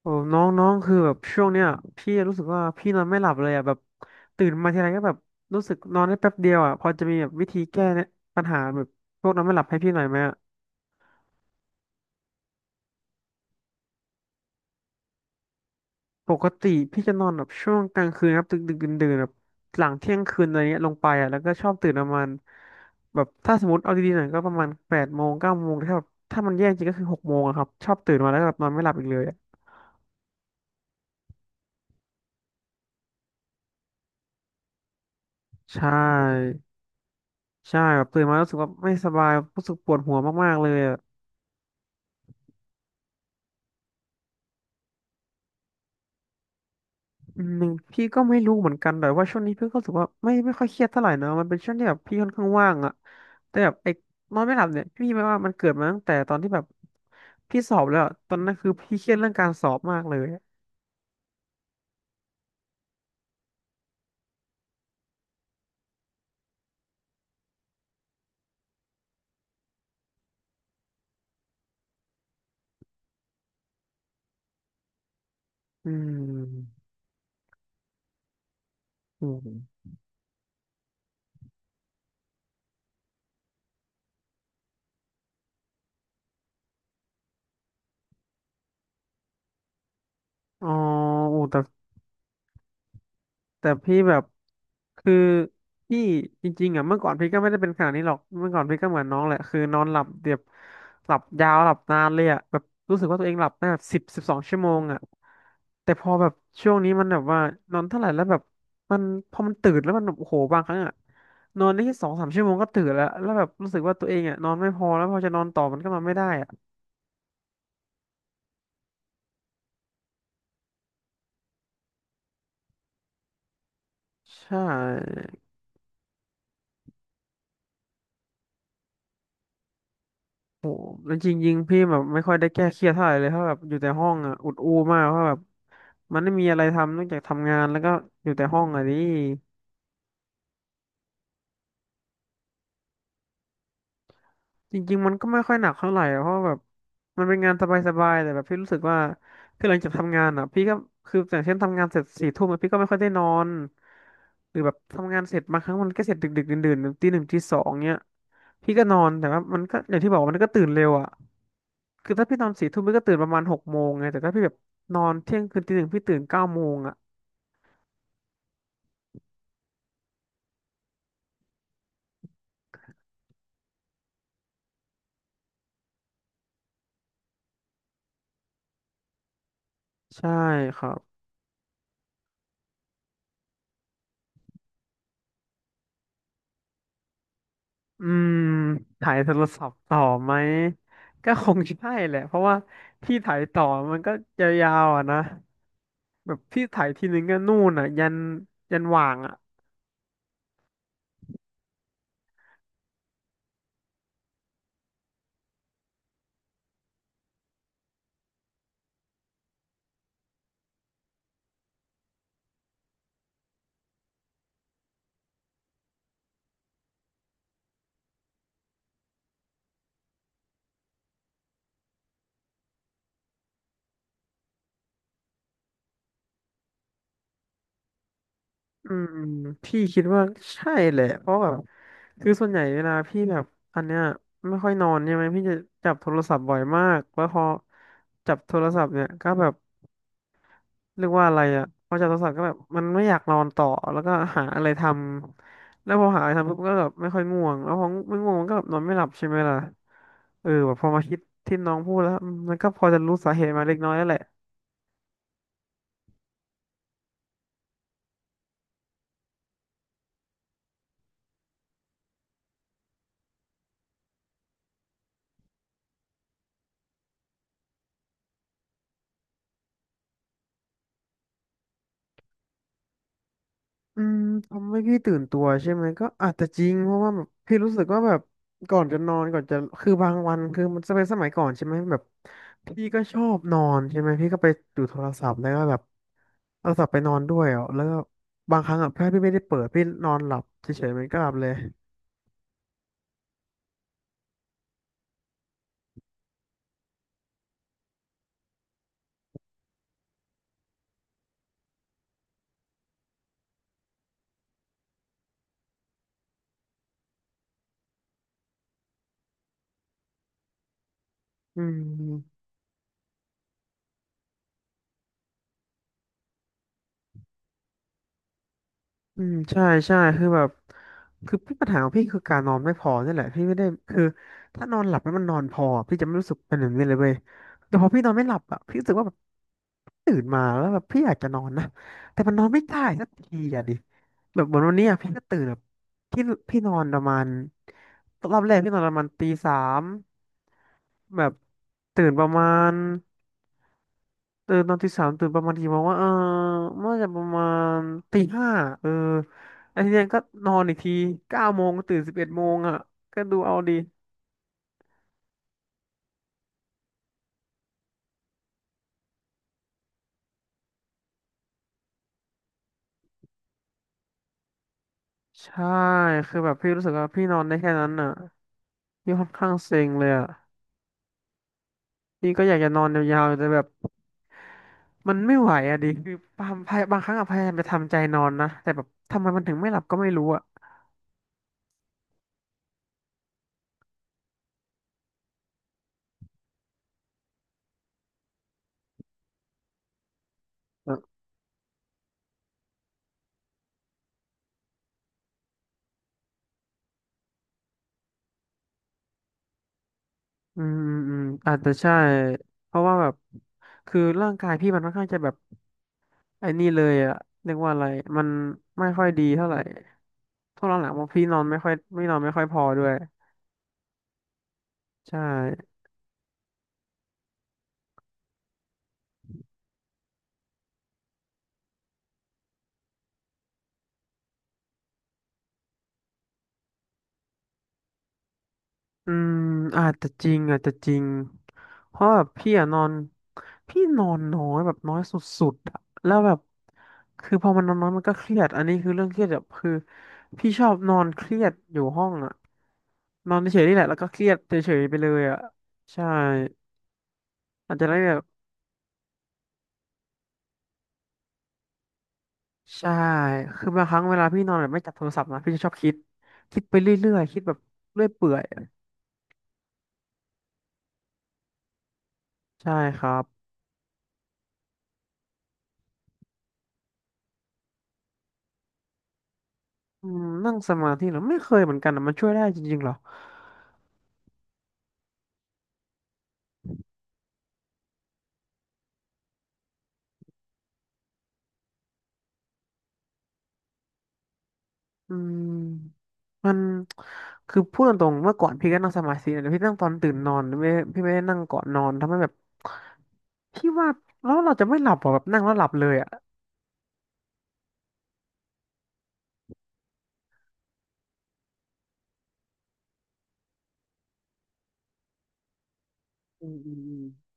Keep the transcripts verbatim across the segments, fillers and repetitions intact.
โอ้น้องน้องคือแบบช่วงเนี้ยพี่รู้สึกว่าพี่นอนไม่หลับเลยอ่ะแบบตื่นมาทีไรก็แบบรู้สึกนอนได้แป๊บเดียวอ่ะพอจะมีแบบวิธีแก้เนี่ยปัญหาแบบพวกนอนไม่หลับให้พี่หน่อยไหมอะปกติพี่จะนอนแบบช่วงกลางคืนครับดึกดึกดื่นดื่นแบบหลังเที่ยงคืนอะไรเงี้ยลงไปอ่ะแล้วก็ชอบตื่นประมาณแบบถ้าสมมติเอาดีๆหน่อยก็ประมาณแปดโมงเก้าโมงถ้าแบบถ้ามันแย่จริงก็คือหกโมงอะครับชอบตื่นมาแล้วก็แบบนอนไม่หลับอีกเลยอะใช่ใช่แบบตื่นมารู้สึกว่าไม่สบายรู้สึกปวดหัวมากๆเลย อืมพี่ก็ไม่รู้เหมือนกันแต่ว่าช่วงนี้พี่ก็รู้สึกว่าไม่ไม่ค่อยเครียดเท่าไหร่นะมันเป็นช่วงที่แบบพี่ค่อนข้างว่างอะแต่แบบไอ้นอนไม่หลับเนี่ยพี่ไม่ว่ามันเกิดมาตั้งแต่ตอนที่แบบพี่สอบแล้วอะตอนนั้นคือพี่เครียดเรื่องการสอบมากเลยอืมอืมอ๋อโอ้แต่ แต่พี่แบบคือพี่จริงๆอ่ะเมื่อก่อนพี่ก็ไม่ได้เป็นขนาดนี้หรอกเมื่อก่อนพี่ก็เหมือนน้องแหละคือนอนหลับเดียบหลับยาวหลับนานเลยอ่ะแบบรู้สึกว่าตัวเองหลับได้แบบสิบสิบสองชั่วโมงอ่ะแต่พอแบบช่วงนี้มันแบบว่านอนเท่าไหร่แล้วแบบมันพอมันตื่นแล้วมันแบบโอ้โหบางครั้งอ่ะนอนได้แค่สองสามชั่วโมงก็ตื่นแล้วแล้วแบบรู้สึกว่าตัวเองอ่ะนอนไม่พอแล้วพอจะนอนต่อมันก็นอนไม่ได้อ่ะใช่ จริงๆพี่แบบไม่ค่อยได้แก้เครียดเท่าไหร่เลยเพราะแบบอยู่แต่ห้องอ่ะอุดอู้มากเพราะแบบมันไม่มีอะไรทำนอกจากทำงานแล้วก็อยู่แต่ห้องอ่ะนี่จริงๆมันก็ไม่ค่อยหนักเท่าไหร่อะเพราะแบบมันเป็นงานสบายๆแต่แบบพี่รู้สึกว่าคือหลังจากทำงานอ่ะพี่ก็คืออย่างเช่นทำงานเสร็จสี่ทุ่มอะพี่ก็ไม่ค่อยได้นอนหรือแบบทำงานเสร็จบางครั้งมันก็เสร็จดึกๆดื่นๆตีหนึ่งตีสองเนี้ยพี่ก็นอนแต่ว่ามันก็อย่างที่บอกว่ามันก็ตื่นเร็วอ่ะ คือถ้าพี่นอนสี่ทุ่มพี่ก็ตื่นประมาณหกโมงไงแต่ถ้าพี่แบบนอนเที่ยงคืนตีหนึ่งพี่ตื่นเก้าโมงอ่ะใช่ครับอืมถ่ายโทรศัพท์ต่อไหมก็คงใช่แหละเพราะว่าพี่ถ่ายต่อมันก็ยาวๆอ่ะนะแบบพี่ถ่ายทีนึงก็นู่นอ่ะยันยันหว่างอ่ะอืมพี่คิดว่าใช่แหละเพราะแบบคือส่วนใหญ่เวลาพี่แบบอันเนี้ยไม่ค่อยนอนใช่ไหมพี่จะจับโทรศัพท์บ่อยมากแล้วพอจับโทรศัพท์เนี่ยก็แบบ เรียกว่าอะไรอ่ะพอจับโทรศัพท์ก็แบบมันไม่อยากนอนต่อแล้วก็หาอะไรทำแล้วพอหาอะไรทำปุ๊บก็แบบไม่ค่อยง่วงแล้วพอไม่ง่วงมันก็แบบนอนไม่หลับใช่ไหมล่ะเออแบบพอมาคิดที่น้องพูดแล้วอืมมันก็พอจะรู้สาเหตุมาเล็กน้อยแล้วแหละ อืมทำให้พี่ตื่นตัวใช่ไหมก็อาจจะจริงเพราะว่าแบบพี่รู้สึกว่าแบบก่อนจะนอนก่อนจะคือบางวันคือมันจะเป็นสมัยก่อนใช่ไหมแบบพี่ก็ชอบนอนใช่ไหมพี่ก็ไปดูโทรศัพท์แล้วก็แบบเอาโทรศัพท์ไปนอนด้วยอ่ะแล้วก็บางครั้งอ่ะถ้าพี่ไม่ได้เปิดพี่นอนหลับเฉยๆมันก็หลับเลยอืม อืมใช่ใช่คือแบบคือพี่ปัญหาของพี่คือการนอนไม่พอนี่แหละพี่ไม่ได้คือถ้านอนหลับแล้วมันนอนพอพี่จะไม่รู้สึกเป็นแบบนี้เลยเว้ยแต่พอพี่นอนไม่หลับอ่ะพี่รู้สึกว่าแบบตื่นมาแล้วแบบพี่อยากจะนอนนะแต่มันนอนไม่ได้สักทีอ่ะดิแบบเหมือนวันเนี้อ่ะพี่ก็ตื่นแบบพี่พี่นอนประมาณรอบแรกพี่นอนประมาณตีสามแบบตื่นประมาณ ตื่นตอนที่สามตื่นประมาณกี่โมงว่าเออเมื่อจะประมาณตีห้าเออไอ้ทีเนี้ยก็นอนอีกทีเก้าโมงก็ตื่นสิบเอ็ดโมงอ่ะก็ดูเอาดีใช่คือแบบพี่รู้สึกว่าพี่นอนได้แค่นั้นอ่ะพี่ค่อนข้างเซ็งเลยอ่ะพี่ก็อยากจะนอนยาวๆแต่แบบมันไม่ไหวอ่ะดิคือบางพยบางครั้งอะพยายามจะทำใจนอนนะแต่แบบทำไมมันถึงไม่หลับก็ไม่รู้อ่ะเอออืมอืมอืมอาจจะใช่เพราะว่าแบบคือร่างกายพี่มันค่อนข้างจะแบบ ไอ้นี่เลยอะเรียกว่าอะไรมันไม่ค่อยดีเท่าไหร่ช่วงหลังๆว่าพี่นอนไม่ค่อยไม่นอนไม่ค่อยพอด้วยใช่อืมอาจจะจริงอาจจะจริงเพราะแบบพี่อะนอนพี่นอนน้อยแบบน้อยสุดๆอะแล้วแบบคือพอมันนอนน้อยมันก็เครียดอันนี้คือเรื่องเครียดแบบคือพี่ชอบนอนเครียดอยู่ห้องอะนอนเฉยๆนี่แหละแล้วก็เครียดเฉยๆไปเลยอะใช่อาจจะได้แบบ ใช่ คือบางครั้งเวลาพี่นอนแบบไม่จับโทรศัพท์นะพี่จะชอบคิดคิดไปเรื่อยๆคิดแบบเรื่อยเปื่อยใช่ครับอืมนั่งสมาธิเหรอไม่เคยเหมือนกันนะมันช่วยได้จริงๆเหรออืมมันคือพูดตรงๆเมื่อก่อนพี่ก็นั่งสมาธินะแต่พี่นั่งตอนตื่นนอนไม่พี่ไม่ได้นั่งก่อนนอนทำให้แบบพี่ว่าแล้วเราจะไม่หลับหรอแบบนั่งแล้วหลับเลยอ่ะอืม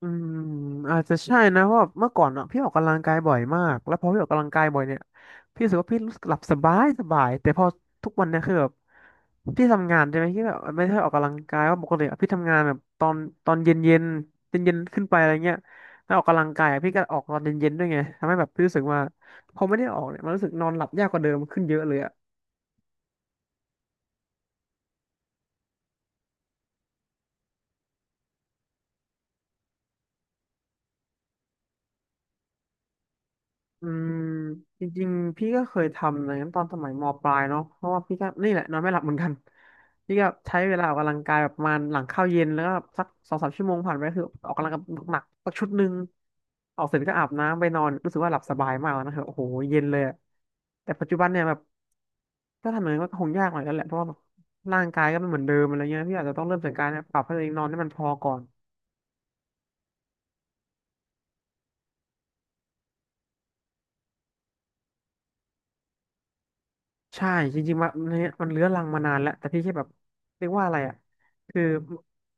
อืมอาจจะใช่นะเพราะว่าเมื่อก่อนอ่ะพี่ออกกำลังกายบ่อยมากแล้วพอพี่ออกกำลังกายบ่อยเนี่ยพี่รู้สึกว่าพี่รู้สึกหลับสบายสบายแต่พอทุกวันเนี่ยคือแบบพี่ทำงานใช่ไหมพี่แบบไม่ได้ออกกำลังกายว่าปกติอะพี่ทำงานแบบตอนตอนเย็นเย็นเย็นเย็นๆขึ้นไปอะไรเงี้ยแล้วออกกำลังกายอะพี่ก็ออกตอนเย็นเย็นด้วยไงทำให้แบบพี่รู้สึกว่าพอไม่ได้ออกเนี่ยมันรู้สึกนอนหลับยากกว่าเดิมขึ้นเยอะเลย อืมจริงๆพี่ก็เคยทำอย่างนั้นตอนสมัยมปลายเนาะเพราะว่าพี่ก็นี่แหละนอนไม่หลับเหมือนกัน พี่ก็ใช้เวลาออกกำลังกายแบบประมาณหลังข้าวเย็นแล้วก็สักสองสามชั่วโมงผ่านไปคือออกกำลังกายหนักๆสักชุดหนึ่งออกเสร็จก็อาบน้ำไปนอนรู้สึกว่าหลับสบายมากแล้วนะครับโอ้โหเย็นเลยอะแต่ปัจจุบันเนี่ยแบบถ้าทำอย่างนั้นก็คงยากหน่อยแล้วแหละเพราะว่าแบบร่างกายก็ไม่เหมือนเดิมอะไรเงี้ยพี่อาจจะต้องเริ่มจากการปรับให้ตัวเองนอนให้มันพอก่อน ใช่จริงๆมันเนี่ยมันเรื้อรังมานานแล้วแต่พี่แค่แบบเรียกว่าอะไรอ่ะคือ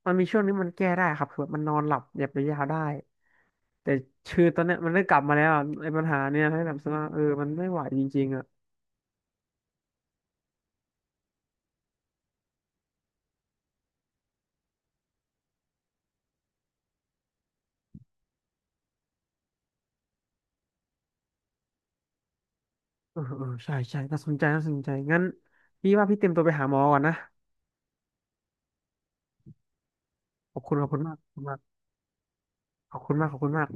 มันมีช่วงนี้มันแก้ได้ครับคือแบบมันนอนหลับหยับยาวๆได้แต่ชื่อตอนเนี้ยมันได้กลับมาแล้วอะไอ้ปัญหาเนี่ยให้แบบว่าเออมันไม่ไหวจริงๆอ่ะเออเออใช่ใช่น่าสนใจน่าสนใจงั้นพี่ว่าพี่เตรียมตัวไปหาหมอก่อนนะขอบคุณขอบคุณมากขอบคุณมากขอบคุณมากขอบคุณมาก